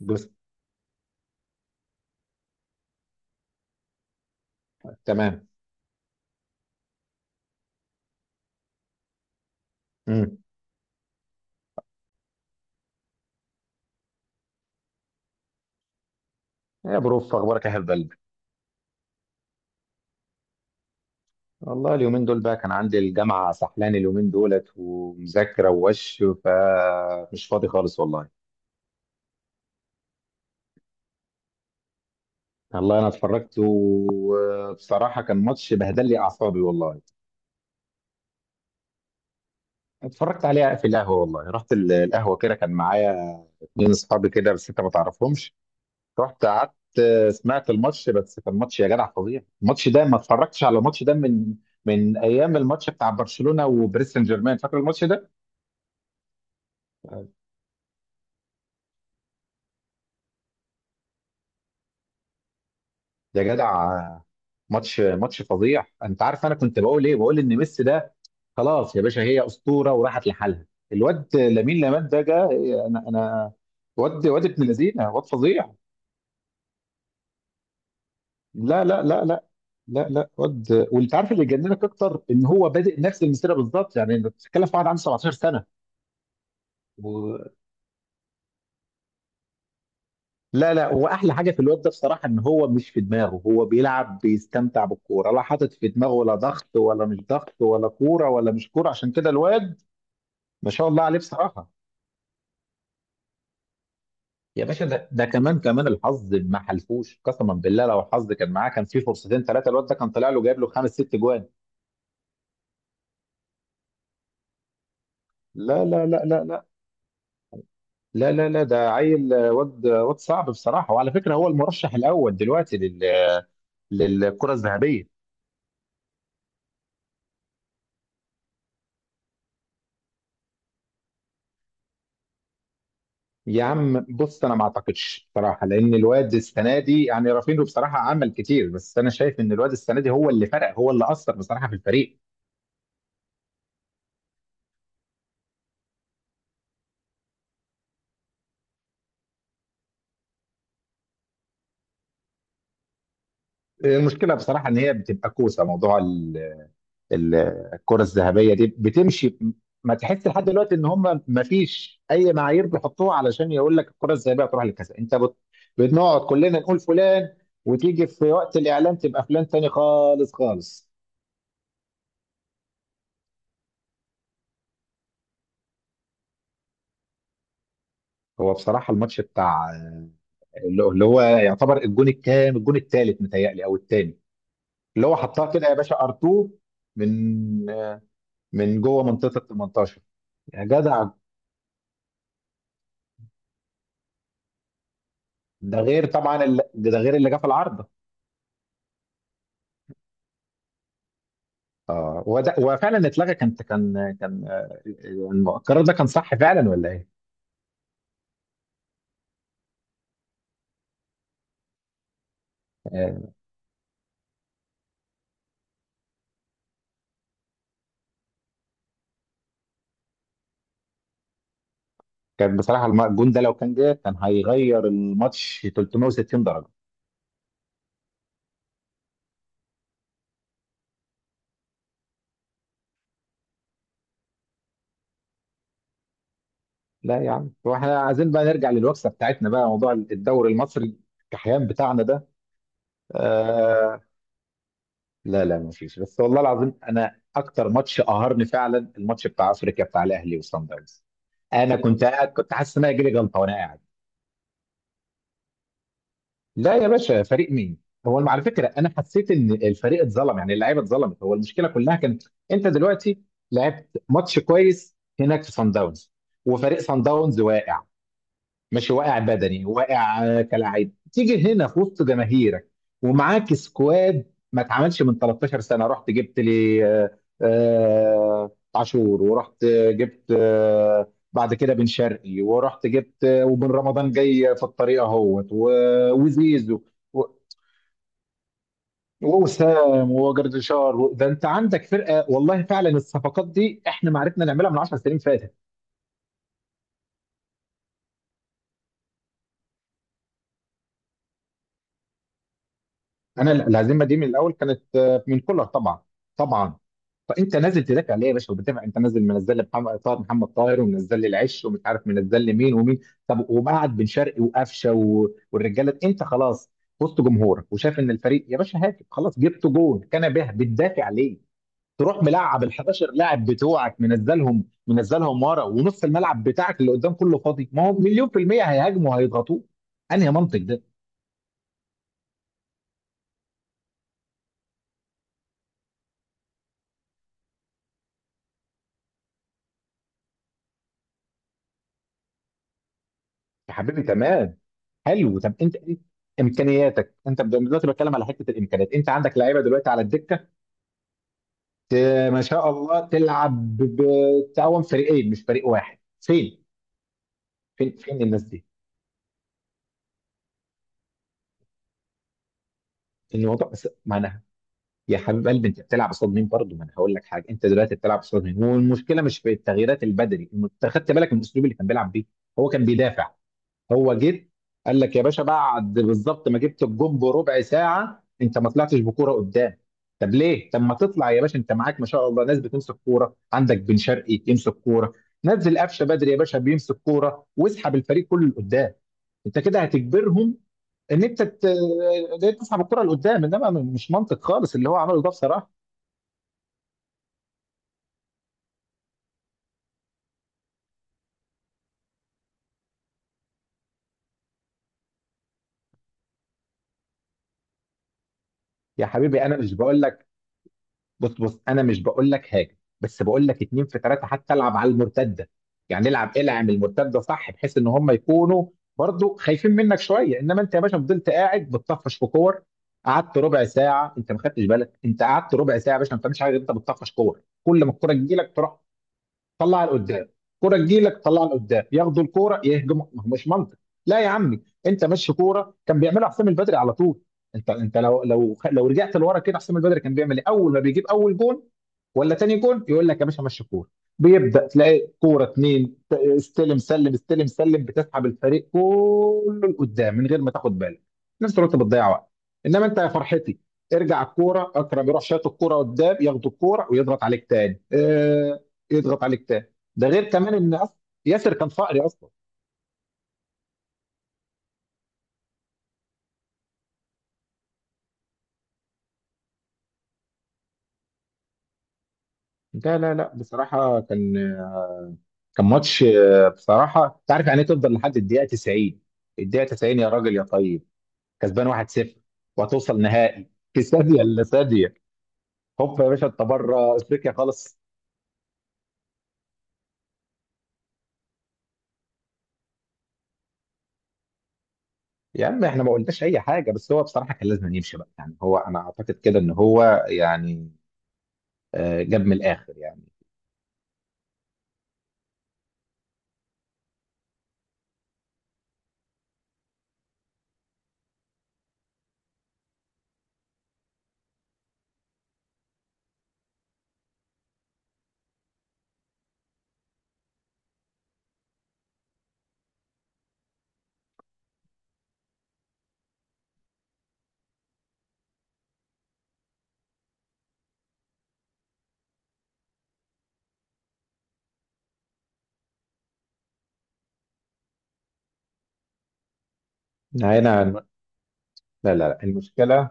بس تمام. امم يا بروف، اخبارك يا حبيب قلبي؟ والله اليومين دول بقى كان عندي الجامعه سحلان اليومين دولت ومذاكره ووش فمش فاضي خالص والله. والله انا اتفرجت، وبصراحه كان ماتش بهدل لي اعصابي والله. اتفرجت عليه في القهوه، والله رحت القهوه كده، كان معايا اتنين اصحابي كده، بس انت ما تعرفهمش. رحت قعدت، سمعت الماتش، بس كان ماتش يا جدع فظيع. الماتش ده ما اتفرجتش على الماتش ده من ايام الماتش بتاع برشلونه وباريس سان جيرمان، فاكر الماتش ده؟ يا جدع، ماتش فظيع. انت عارف انا كنت بقول ايه؟ بقول ان ميسي ده خلاص يا باشا، هي اسطوره وراحت لحالها. الواد لامين يامال ده جه، انا واد ابن لذينه، واد فظيع. لا لا لا لا. لا لا واد، وانت عارف اللي يجننك اكتر ان هو بادئ نفس المسيره بالظبط. يعني انت بتتكلم في واحد عنده 17 سنه. و... لا لا، واحلى حاجه في الواد ده بصراحه ان هو مش في دماغه. هو بيلعب، بيستمتع بالكوره، لا حاطط في دماغه ولا ضغط ولا مش ضغط ولا كوره ولا مش كوره. عشان كده الواد ما شاء الله عليه بصراحه. يا باشا، ده كمان الحظ ما حلفوش قسما بالله. لو الحظ كان معاه كان في فرصتين ثلاثه، الواد ده كان طلع له جايب له خمس ست جوان. لا لا لا لا لا. لا لا لا ده عيل، واد، واد صعب بصراحه. وعلى فكره هو المرشح الاول دلوقتي لل آه، للكره الذهبيه. يا عم بص، انا ما اعتقدش بصراحه، لان الواد السنه دي، يعني رافينو بصراحه عمل كتير، بس انا شايف ان الواد السنه دي هو اللي فرق، هو اللي اثر بصراحه في الفريق. المشكله بصراحه ان هي بتبقى كوسه موضوع ال- الكرة الذهبية دي بتمشي. ما تحس لحد دلوقتي ان هم ما فيش اي معايير بيحطوها علشان يقول لك الكرة الذهبية هتروح لكذا؟ بنقعد كلنا نقول فلان، وتيجي في وقت الاعلان تبقى فلان تاني خالص خالص. هو بصراحة الماتش بتاع اللي هو يعتبر الجون الكام، الجون الثالث متهيألي او الثاني، اللي هو حطها كده يا باشا ار2 من جوه منطقة ال 18. يا جدع، ده غير طبعا ده غير اللي جه في العرض. اه، وده وفعلا اتلغى. كان كان يعني القرار ده كان صح فعلا ولا ايه؟ آه، كان بصراحه الجون ده لو كان جه كان هيغير الماتش 360 درجه. لا يا عم، واحنا عايزين بقى نرجع للوكسه بتاعتنا بقى، موضوع الدوري المصري الكحيان بتاعنا ده. آه. لا لا، ما فيش، بس والله العظيم انا اكتر ماتش قهرني فعلا الماتش بتاع افريقيا بتاع الاهلي وصن داونز. انا كنت قاعد كنت حاسس ان انا جالي جلطه وانا قاعد. لا يا باشا، فريق مين؟ هو على فكره انا حسيت ان الفريق اتظلم، يعني اللعيبه اتظلمت. هو المشكله كلها كانت انت دلوقتي لعبت ماتش كويس هناك في سان داونز، وفريق سان داونز واقع، ماشي، واقع بدني، واقع، كلاعب تيجي هنا في وسط جماهيرك ومعاك سكواد ما اتعملش من 13 سنه. رحت جبت لي عاشور، ورحت جبت بعد كده بن شرقي، ورحت جبت وبن رمضان جاي في الطريق اهوت، وزيزو، و- ووسام وجردشار. ده انت عندك فرقه، والله فعلا الصفقات دي احنا ما عرفنا نعملها من 10 سنين فاتت. انا الهزيمه دي من الاول كانت من كولر طبعا، طبعا. فانت نازل تدافع ليه يا باشا؟ وبتدافع، انت نازل منزل لي محمد طاهر، محمد طاهر، ومنزل لي العش، ومش عارف منزل لي مين ومين. طب ومقعد بن شرقي وقفشه والرجاله، انت خلاص وسط جمهورك وشايف ان الفريق يا باشا هاتف خلاص، جبت جول كان به، بتدافع ليه؟ تروح ملعب ال 11 لاعب بتوعك، منزلهم ورا ونص الملعب بتاعك اللي قدام كله فاضي، ما هو مليون في المية هيهاجموا وهيضغطوه. انهي منطق ده؟ يا حبيبي تمام. حلو، طب انت إيه امكانياتك؟ انت دلوقتي بتكلم على حته الامكانيات، انت عندك لعيبه دلوقتي على الدكه ت- ما شاء الله تلعب بتعاون فريقين مش فريق واحد. فين فين الناس دي؟ الموضوع بس ما انا يا حبيب قلبي، انت بتلعب قصاد مين برضه؟ ما انا هقول لك حاجه، انت دلوقتي بتلعب قصاد مين، والمشكله مش في التغييرات البدري. أنت خدت بالك من الاسلوب اللي كان بيلعب بيه؟ هو كان بيدافع. هو جه قال لك يا باشا بعد بالظبط ما جبت الجون بربع ساعه، انت ما طلعتش بكوره قدام. طب ليه؟ طب ما تطلع يا باشا، انت معاك ما شاء الله ناس بتمسك كوره، عندك بن شرقي يمسك كوره، نزل قفشه بدري يا باشا بيمسك كوره، واسحب الفريق كله لقدام. انت كده هتجبرهم ان انت ت- ان انت تسحب الكره لقدام. انما مش منطق خالص اللي هو عمله ده بصراحه. يا حبيبي انا مش بقول لك بص بص، انا مش بقول لك حاجه، بس بقول لك اتنين في ثلاثه حتى، العب على المرتده، يعني العب، العب المرتده صح، بحيث ان هم يكونوا برضو خايفين منك شويه. انما انت يا باشا فضلت قاعد بتطفش في كور، قعدت ربع ساعه. انت ما خدتش بالك انت قعدت ربع ساعه يا باشا ما بتعملش حاجه غير انت بتطفش كور. كل ما الكوره تجي لك، تروح طلع لقدام، كرة تجيلك طلع لقدام، ياخدوا الكرة يهجموا. ما هو مش منطق. لا يا عمي، انت ماشي كوره، كان بيعملها حسام البدري على طول. انت لو رجعت لورا كده، حسام البدري كان بيعمل ايه اول ما بيجيب اول جون ولا تاني جون؟ يقول لك يا باشا مشي كوره، بيبدا تلاقي كوره اتنين، استلم سلم، استلم سلم، بتسحب الفريق كله لقدام من غير ما تاخد بالك، في نفس الوقت بتضيع وقت. انما انت يا فرحتي، ارجع الكوره اكرم يروح شايط الكوره قدام، ياخد الكوره ويضغط عليك تاني. يضغط عليك تاني. ده غير كمان ان ياسر كان فقري اصلا. لا لا لا، بصراحه كان ماتش بصراحه. انت عارف يعني ايه تفضل لحد الدقيقه 90؟ الدقيقه 90 يا راجل يا طيب كسبان 1-0، وهتوصل نهائي في ثانيه الا ثانيه، هوب يا باشا انت بره افريقيا خالص. يا عم احنا ما قلناش اي حاجه، بس هو بصراحه كان لازم يمشي بقى. يعني هو، انا اعتقد كده ان هو يعني جاب من الاخر يعني. هنا لا لا لا، المشكله،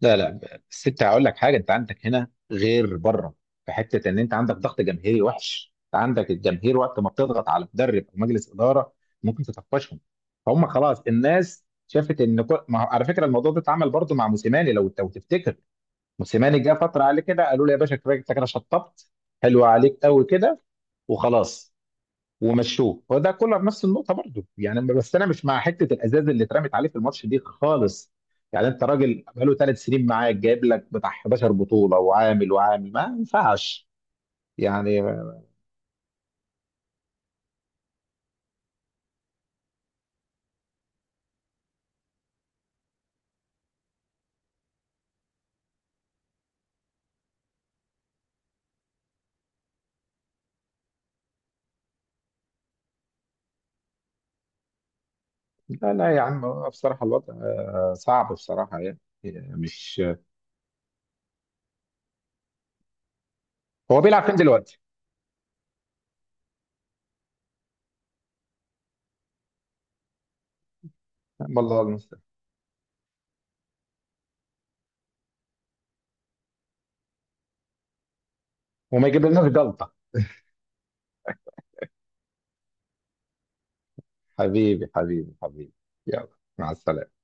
لا لا، بس انت هقول لك حاجه، انت عندك هنا غير بره، في حته ان انت عندك ضغط جماهيري وحش. انت عندك الجماهير وقت ما بتضغط على مدرب او مجلس اداره ممكن تطفشهم. فهم خلاص الناس شافت ان كل... ما... على فكره الموضوع ده اتعمل برضه مع موسيماني، لو تفتكر. موسيماني جه فتره عليه كده قالوا له يا باشا كفايه، انت كده شطبت، حلو عليك قوي كده وخلاص، ومشوه. وده كولر نفس النقطه برضه يعني، بس انا مش مع حته الازاز اللي اترمت عليه في الماتش دي خالص. يعني انت راجل بقاله ثلاث سنين معاك جايب لك بتاع 11 بطوله وعامل وعامل، ما ينفعش يعني. لا لا يا عم، هو بصراحه الوضع صعب بصراحه يعني، يعني مش هو بيلعب فين دلوقتي؟ والله المستعان. وما يجيب لناش جلطه. حبيبي حبيبي حبيبي. يلا، مع السلامه.